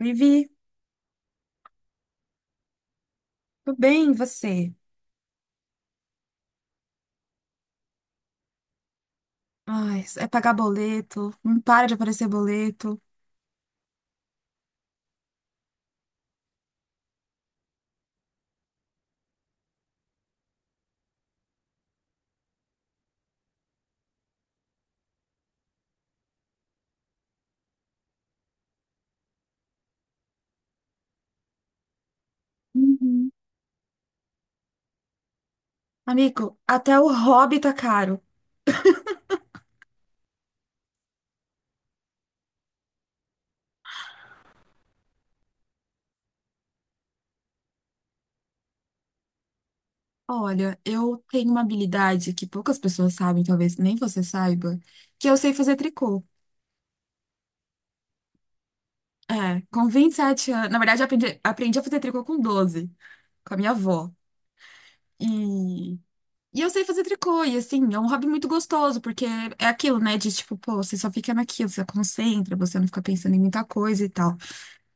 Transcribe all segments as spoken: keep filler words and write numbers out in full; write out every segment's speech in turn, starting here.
Vivi, tudo bem, e você? Ai, é pagar boleto, não para de aparecer boleto. Uhum. Amigo, até o hobby tá caro. Olha, eu tenho uma habilidade que poucas pessoas sabem, talvez nem você saiba, que eu sei fazer tricô. É, com vinte e sete anos. Na verdade, eu aprendi, aprendi a fazer tricô com doze, com a minha avó. E, e eu sei fazer tricô, e assim, é um hobby muito gostoso, porque é aquilo, né, de tipo, pô, você só fica naquilo, você concentra, você não fica pensando em muita coisa e tal.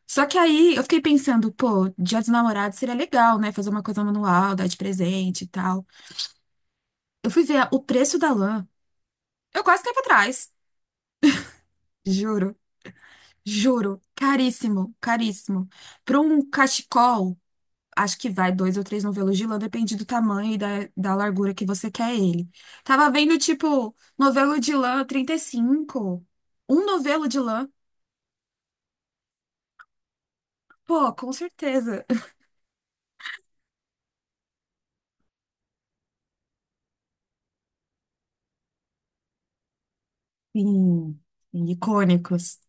Só que aí eu fiquei pensando, pô, Dia dos Namorados seria legal, né? Fazer uma coisa manual, dar de presente e tal. Eu fui ver o preço da lã. Eu quase caí pra trás. Juro, juro. Caríssimo, caríssimo. Pra um cachecol, acho que vai dois ou três novelos de lã, depende do tamanho e da, da largura que você quer ele. Tava vendo, tipo, novelo de lã trinta e cinco. Um novelo de lã. Pô, com certeza. Sim, sim, icônicos.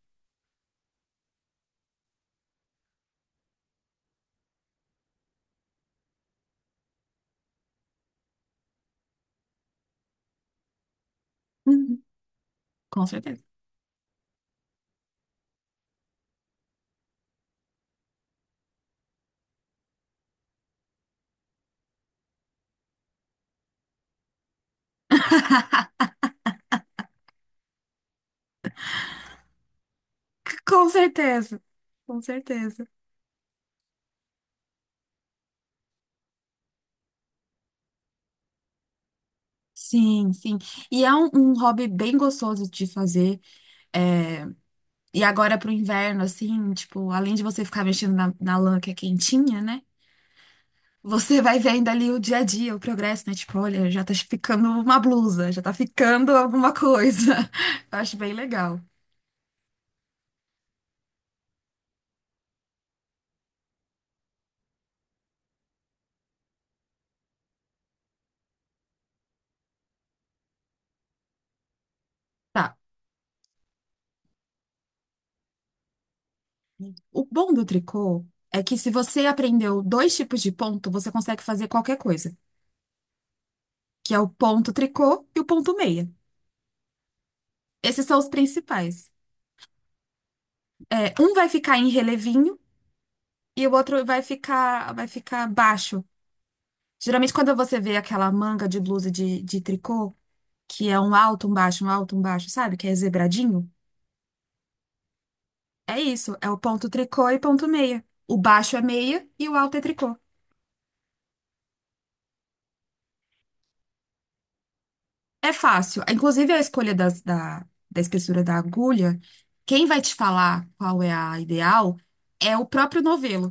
Uhum, com certeza. Com certeza, com certeza. Sim, sim. E é um, um hobby bem gostoso de fazer. É. E agora pro inverno, assim, tipo, além de você ficar mexendo na, na lã que é quentinha, né? Você vai vendo ali o dia a dia, o progresso, né? Tipo, olha, já tá ficando uma blusa, já tá ficando alguma coisa. Eu acho bem legal. Tá. O bom do tricô é que se você aprendeu dois tipos de ponto, você consegue fazer qualquer coisa, que é o ponto tricô e o ponto meia. Esses são os principais. É, um vai ficar em relevinho e o outro vai ficar, vai ficar baixo. Geralmente, quando você vê aquela manga de blusa de, de tricô, que é um alto, um baixo, um alto, um baixo, sabe? Que é zebradinho. É isso, é o ponto tricô e ponto meia. O baixo é meia e o alto é tricô. É fácil. Inclusive, a escolha das- da, da espessura da agulha, quem vai te falar qual é a ideal é o próprio novelo.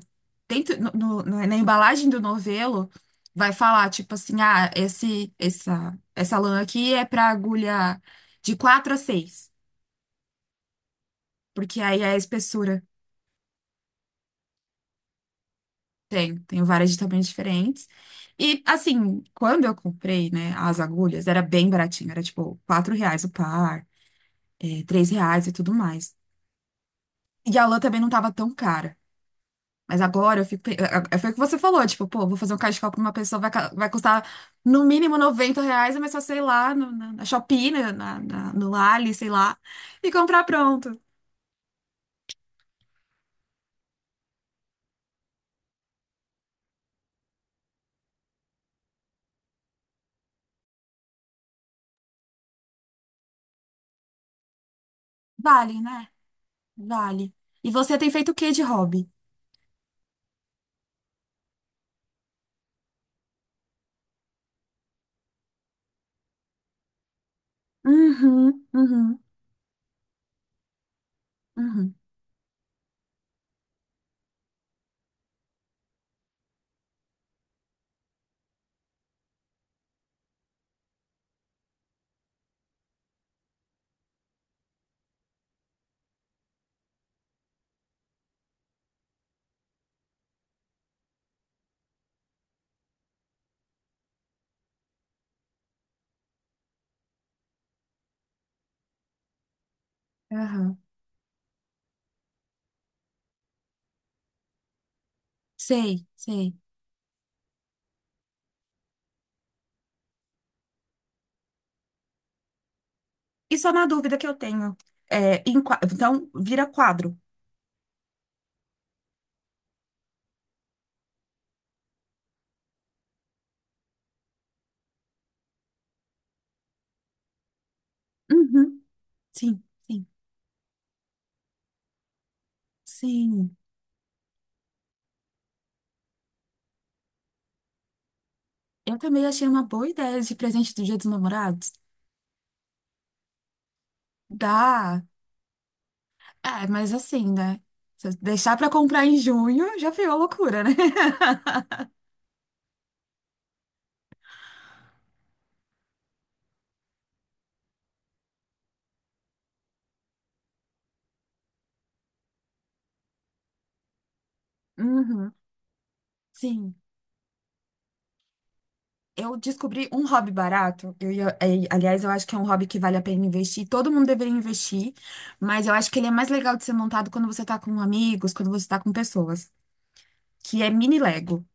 Dentro, no- no- no- na embalagem do novelo, vai falar, tipo assim, ah, esse, essa, essa lã aqui é para agulha de quatro a seis, porque aí é a espessura tem, tem várias de tamanhos diferentes. E, assim, quando eu comprei, né, as agulhas, era bem baratinho, era tipo quatro reais o par, é, três reais e tudo mais. E a lã também não tava tão cara. Mas agora eu fico. pe- é- é- Foi o que você falou, tipo, pô, vou fazer um cachecol pra uma pessoa, vai, ca- vai custar no mínimo noventa reais, mas só sei lá, no, na, na Shopee, na, na- na- no Lali, sei lá, e comprar pronto. Vale, né? Vale. E você tem feito o que de hobby? Uhum, uhum, uhum, aham. Sei, sei. E só na dúvida que eu tenho. É, em qua- então, vira quadro. Uhum, sim, sim, sim. Eu também achei uma boa ideia de presente do Dia dos Namorados. Dá. É, mas assim, né? Se eu deixar pra comprar em junho, já virou loucura, né? Uhum, sim. Eu descobri um hobby barato. Eu, ia- eh, aliás, eu acho que é um hobby que vale a pena investir. Todo mundo deveria investir, mas eu acho que ele é mais legal de ser montado quando você tá com amigos, quando você tá com pessoas, que é mini Lego.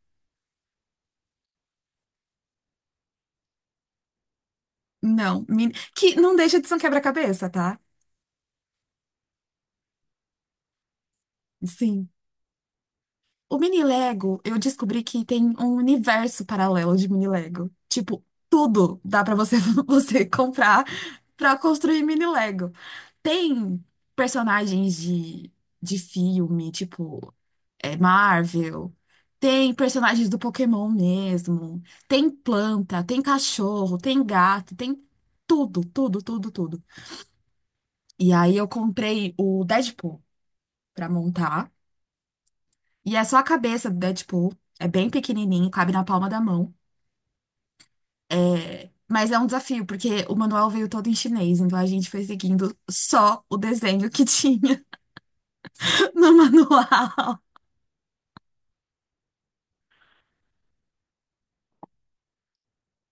Não, mini- que não deixa de ser um quebra-cabeça, tá? Sim. O mini Lego, eu descobri que tem um universo paralelo de mini Lego. Tipo, tudo dá pra você você comprar pra construir mini Lego. Tem personagens de, de filme, tipo, é, Marvel. Tem personagens do Pokémon mesmo. Tem planta, tem cachorro, tem gato, tem tudo, tudo, tudo, tudo. E aí eu comprei o Deadpool pra montar. E é só a cabeça do Deadpool. É bem pequenininho, cabe na palma da mão. É, mas é um desafio, porque o manual veio todo em chinês, então a gente foi seguindo só o desenho que tinha no manual.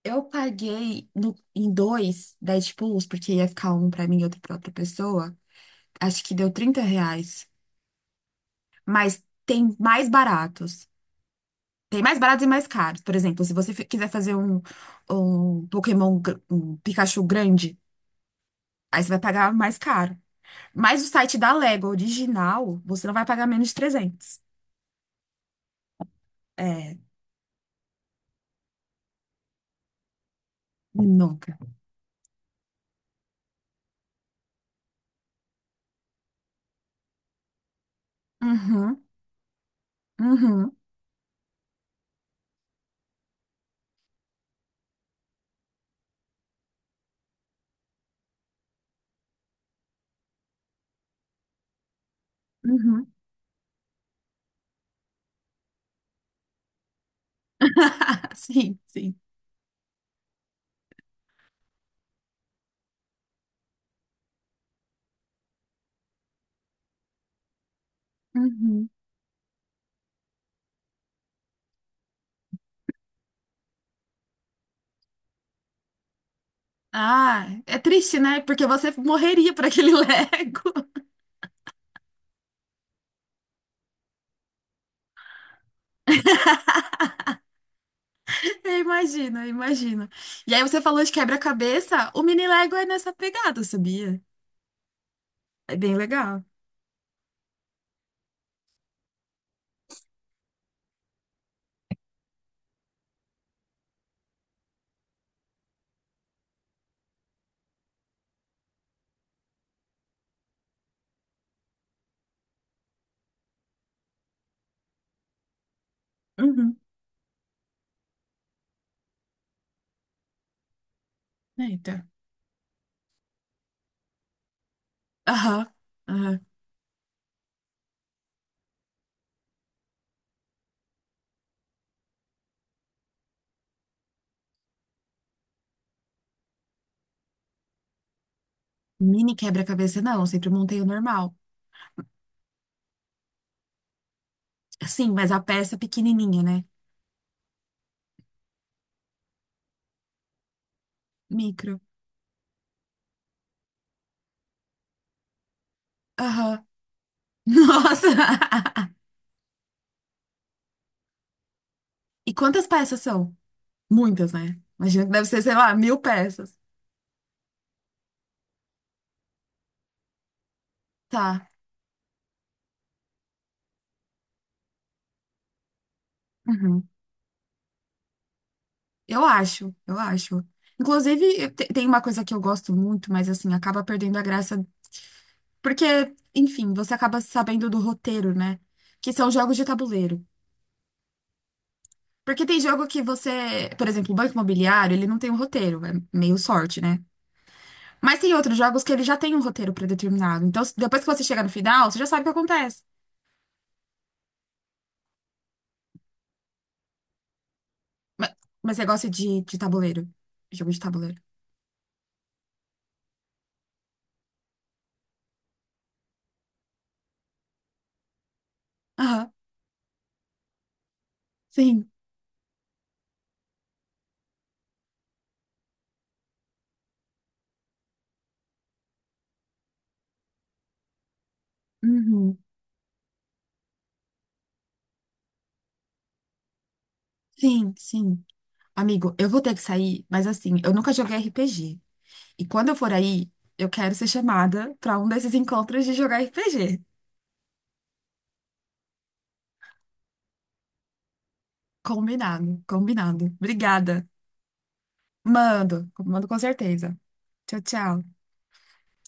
Eu paguei no- em dois Deadpools, porque ia ficar um pra mim e outro pra outra pessoa. Acho que deu trinta reais. Mas tem mais baratos. Tem mais baratos e mais caros. Por exemplo, se você fi- quiser fazer um, um Pokémon, gr- um Pikachu grande, aí você vai pagar mais caro. Mas o site da Lego original, você não vai pagar menos de trezentos. É, nunca. Uhum, uhum, uhum. Sim, sim. Uhum. Ah, é triste, né? Porque você morreria por aquele Lego. Eu imagino, eu imagino. E aí você falou de quebra-cabeça, o mini Lego é nessa pegada, sabia? É bem legal. Uhum. Eita. Aham, aham. Mini quebra-cabeça, não, eu sempre montei o normal. Sim, mas a peça pequenininha, né? Micro. Aham. Nossa! E quantas peças são? Muitas, né? Imagino que deve ser, sei lá, mil peças. Tá. Uhum. Eu acho, eu acho. Inclusive, eu te- tem uma coisa que eu gosto muito, mas assim, acaba perdendo a graça. Porque, enfim, você acaba sabendo do roteiro, né? Que são jogos de tabuleiro. Porque tem jogo que você, por exemplo, o Banco Imobiliário, ele não tem um roteiro, é meio sorte, né? Mas tem outros jogos que ele já tem um roteiro predeterminado. Então, se- depois que você chega no final, você já sabe o que acontece. Mas, mas você gosta de, de tabuleiro? Jogo de tabuleiro. Aham, sim. Uhum. Sim, sim. Amigo, eu vou ter que sair, mas assim, eu nunca joguei R P G. E quando eu for aí, eu quero ser chamada pra um desses encontros de jogar R P G. Combinado, combinado. Obrigada. Mando, mando com certeza. Tchau, tchau.